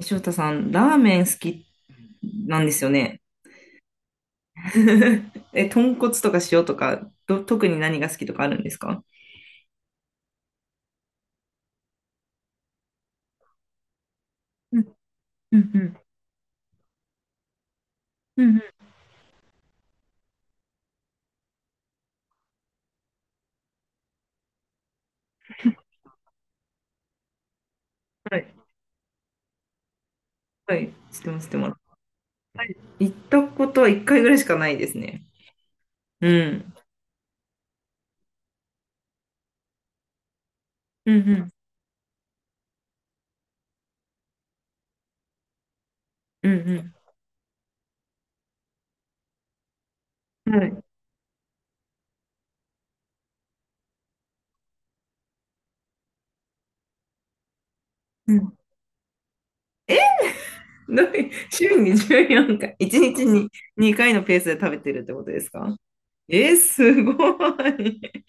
翔太さん、ラーメン好きなんですよね。え、豚骨とか塩とか、特に何が好きとかあるんですか？はい、はい、知ってます、知ってます。はい、行ったことは一回ぐらいしかないですね。うん。うんうん。うんうん、はい。うん。どういう、週に14回、1日に2回のペースで食べてるってことですか？え、すごい。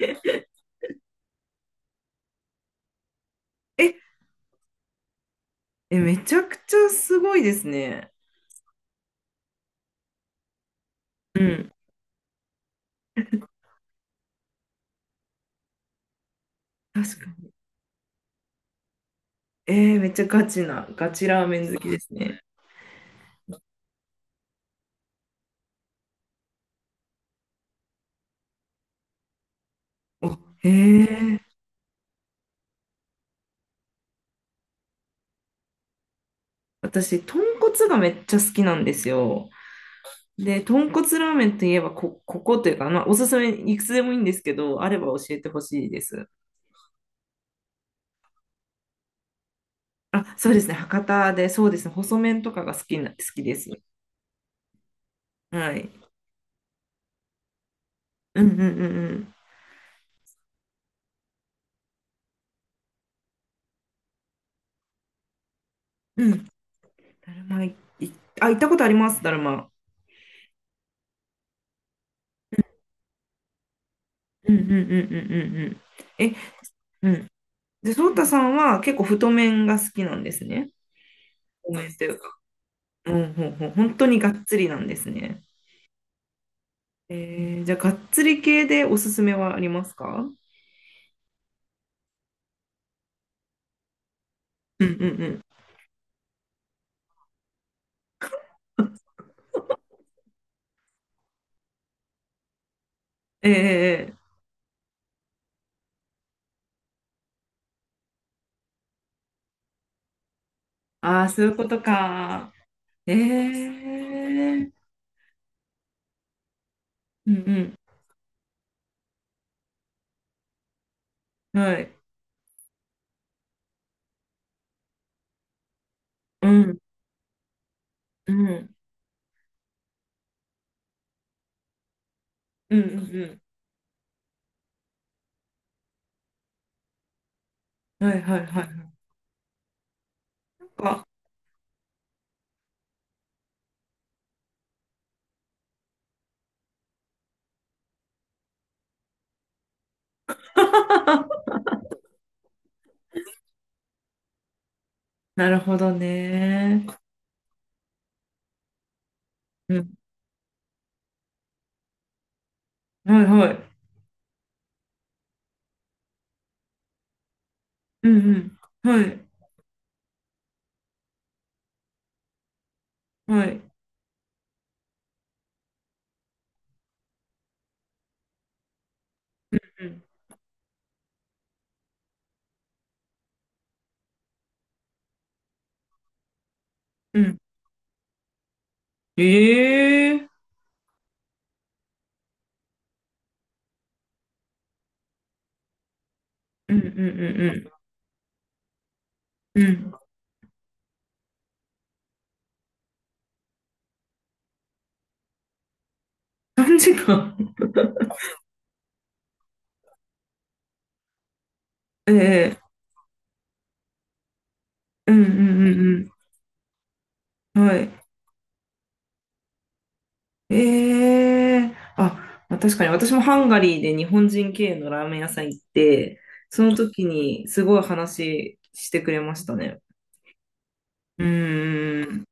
え、え、めちゃくちゃすごいですね。うん。確かに。めっちゃガチな、ガチラーメン好きですね。お、へえ。私、豚骨がめっちゃ好きなんですよ。で、豚骨ラーメンといえば、ここというか、まあ、おすすめいくつでもいいんですけど、あれば教えてほしいです。あ、そうですね。博多で、そうですね。細麺とかが好きです。はい。うんうんうんうん。うん。だるまい、いあ、行ったことあります、だるま。うんうんうんうんうんうん。え、うん。で、そうたさんは結構太麺が好きなんですね。太麺というか。うん、ほんほん、本当にがっつりなんですね。えじゃあ、がっつり系でおすすめはありますか？うんうんうん。ええ、ええ、ああー、そういうことか。ええ、うんうん。はい。うん。うん。うんうんうん。はいはいはい。あ、なるほどね。うん。はいはい。うんうん。はい。はい。うんうん。ええ、うんうんうんうん。うん。3時間。ええ、うんうんうんうん。はい。ええ、あ、まあ確かに私もハンガリーで日本人経営のラーメン屋さん行って、その時にすごい話してくれましたね。うーん。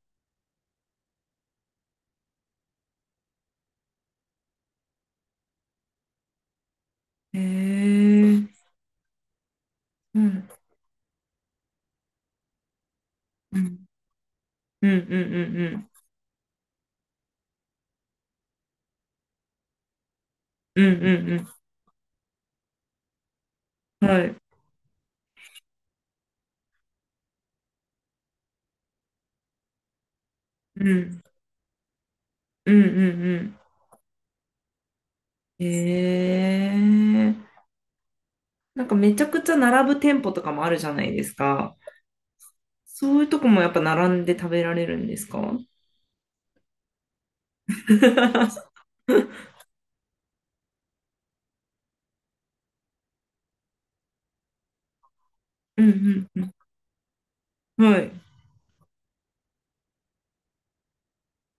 ええ、うん、うん、うん、うん、うん、うん、うん、うんうん、はい。うん、うん、うん、うん。ええ、なんかめちゃくちゃ並ぶ店舗とかもあるじゃないですか。そういうとこもやっぱ並んで食べられるんですか？ うん、うん、はい。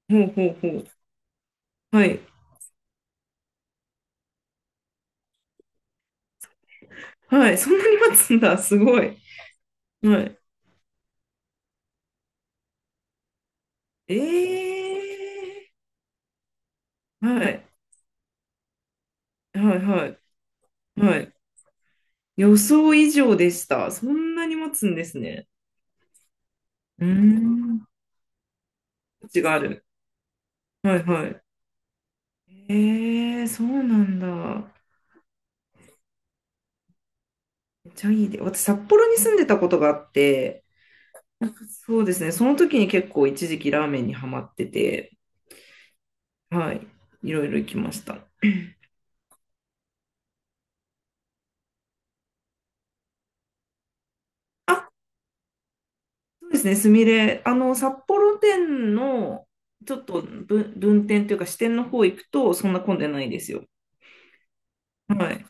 ほうほうほう。はい。はい、そんなに待つんだ、すごい。はい。えー、はい、はい、はい、はい。予想以上でした。そんなに待つんですね。うーん、価値がある。はい、はい。えー、そうなんだ。めっちゃいいで。私、札幌に住んでたことがあって、そうですね、その時に結構一時期ラーメンにハマってて、はい、いろいろ行きました。あ、そうですね、すみれ。あの、札幌店の、ちょっと分、分店というか支店の方行くと、そんな混んでないですよ。はい。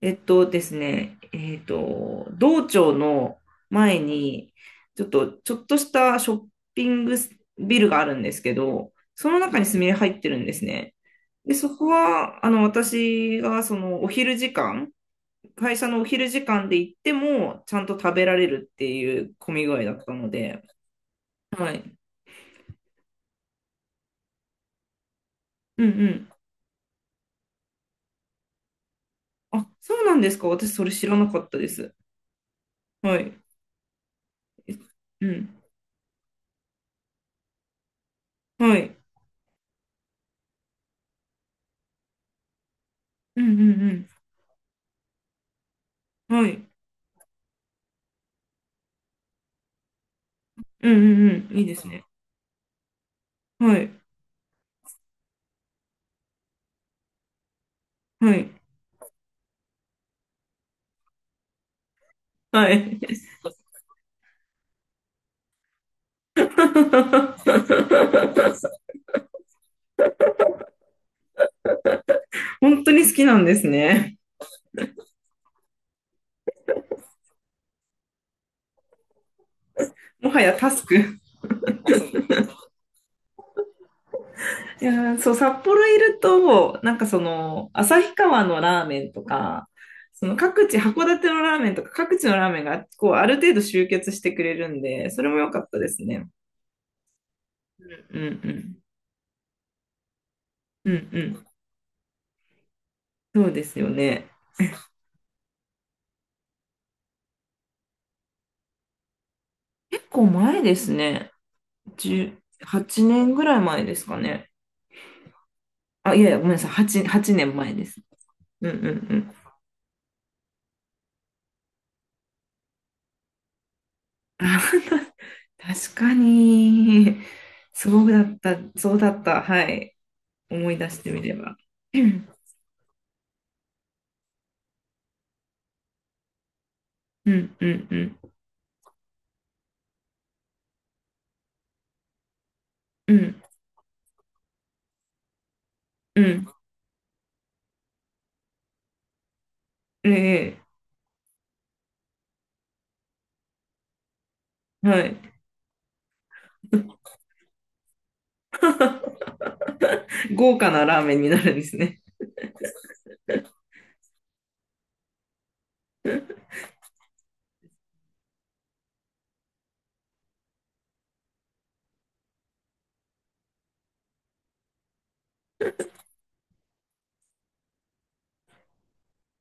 えっとですね、えっと、道庁の前に、ちょっとしたショッピングビルがあるんですけど、その中にすみれ入ってるんですね。で、そこは、あの、私が、その、お昼時間、会社のお昼時間で行っても、ちゃんと食べられるっていう混み具合だったので、はい。うん、あ、そうなんですか。私、それ知らなかったです。はい。え、うん。はい。うんうんうん。はい。うんうんうん。いいですね。はい。はい。はい。本当に好きなんですね。もはやタスク。いやー、そう、札幌いると、なんかその、旭川のラーメンとか、その各地、函館のラーメンとか、各地のラーメンが、こう、ある程度集結してくれるんで、それも良かったですね。うんうん。うんうん。そうですよね。構前ですね。8年ぐらい前ですかね。あ、いやいや、ごめんなさい。8年前です。うんうんうん。あ、 確かに、そうだった、そうだった。はい。思い出してみれば。うんうんうんうんうん。うん、ええ、はい。豪華なラーメンになるんですね。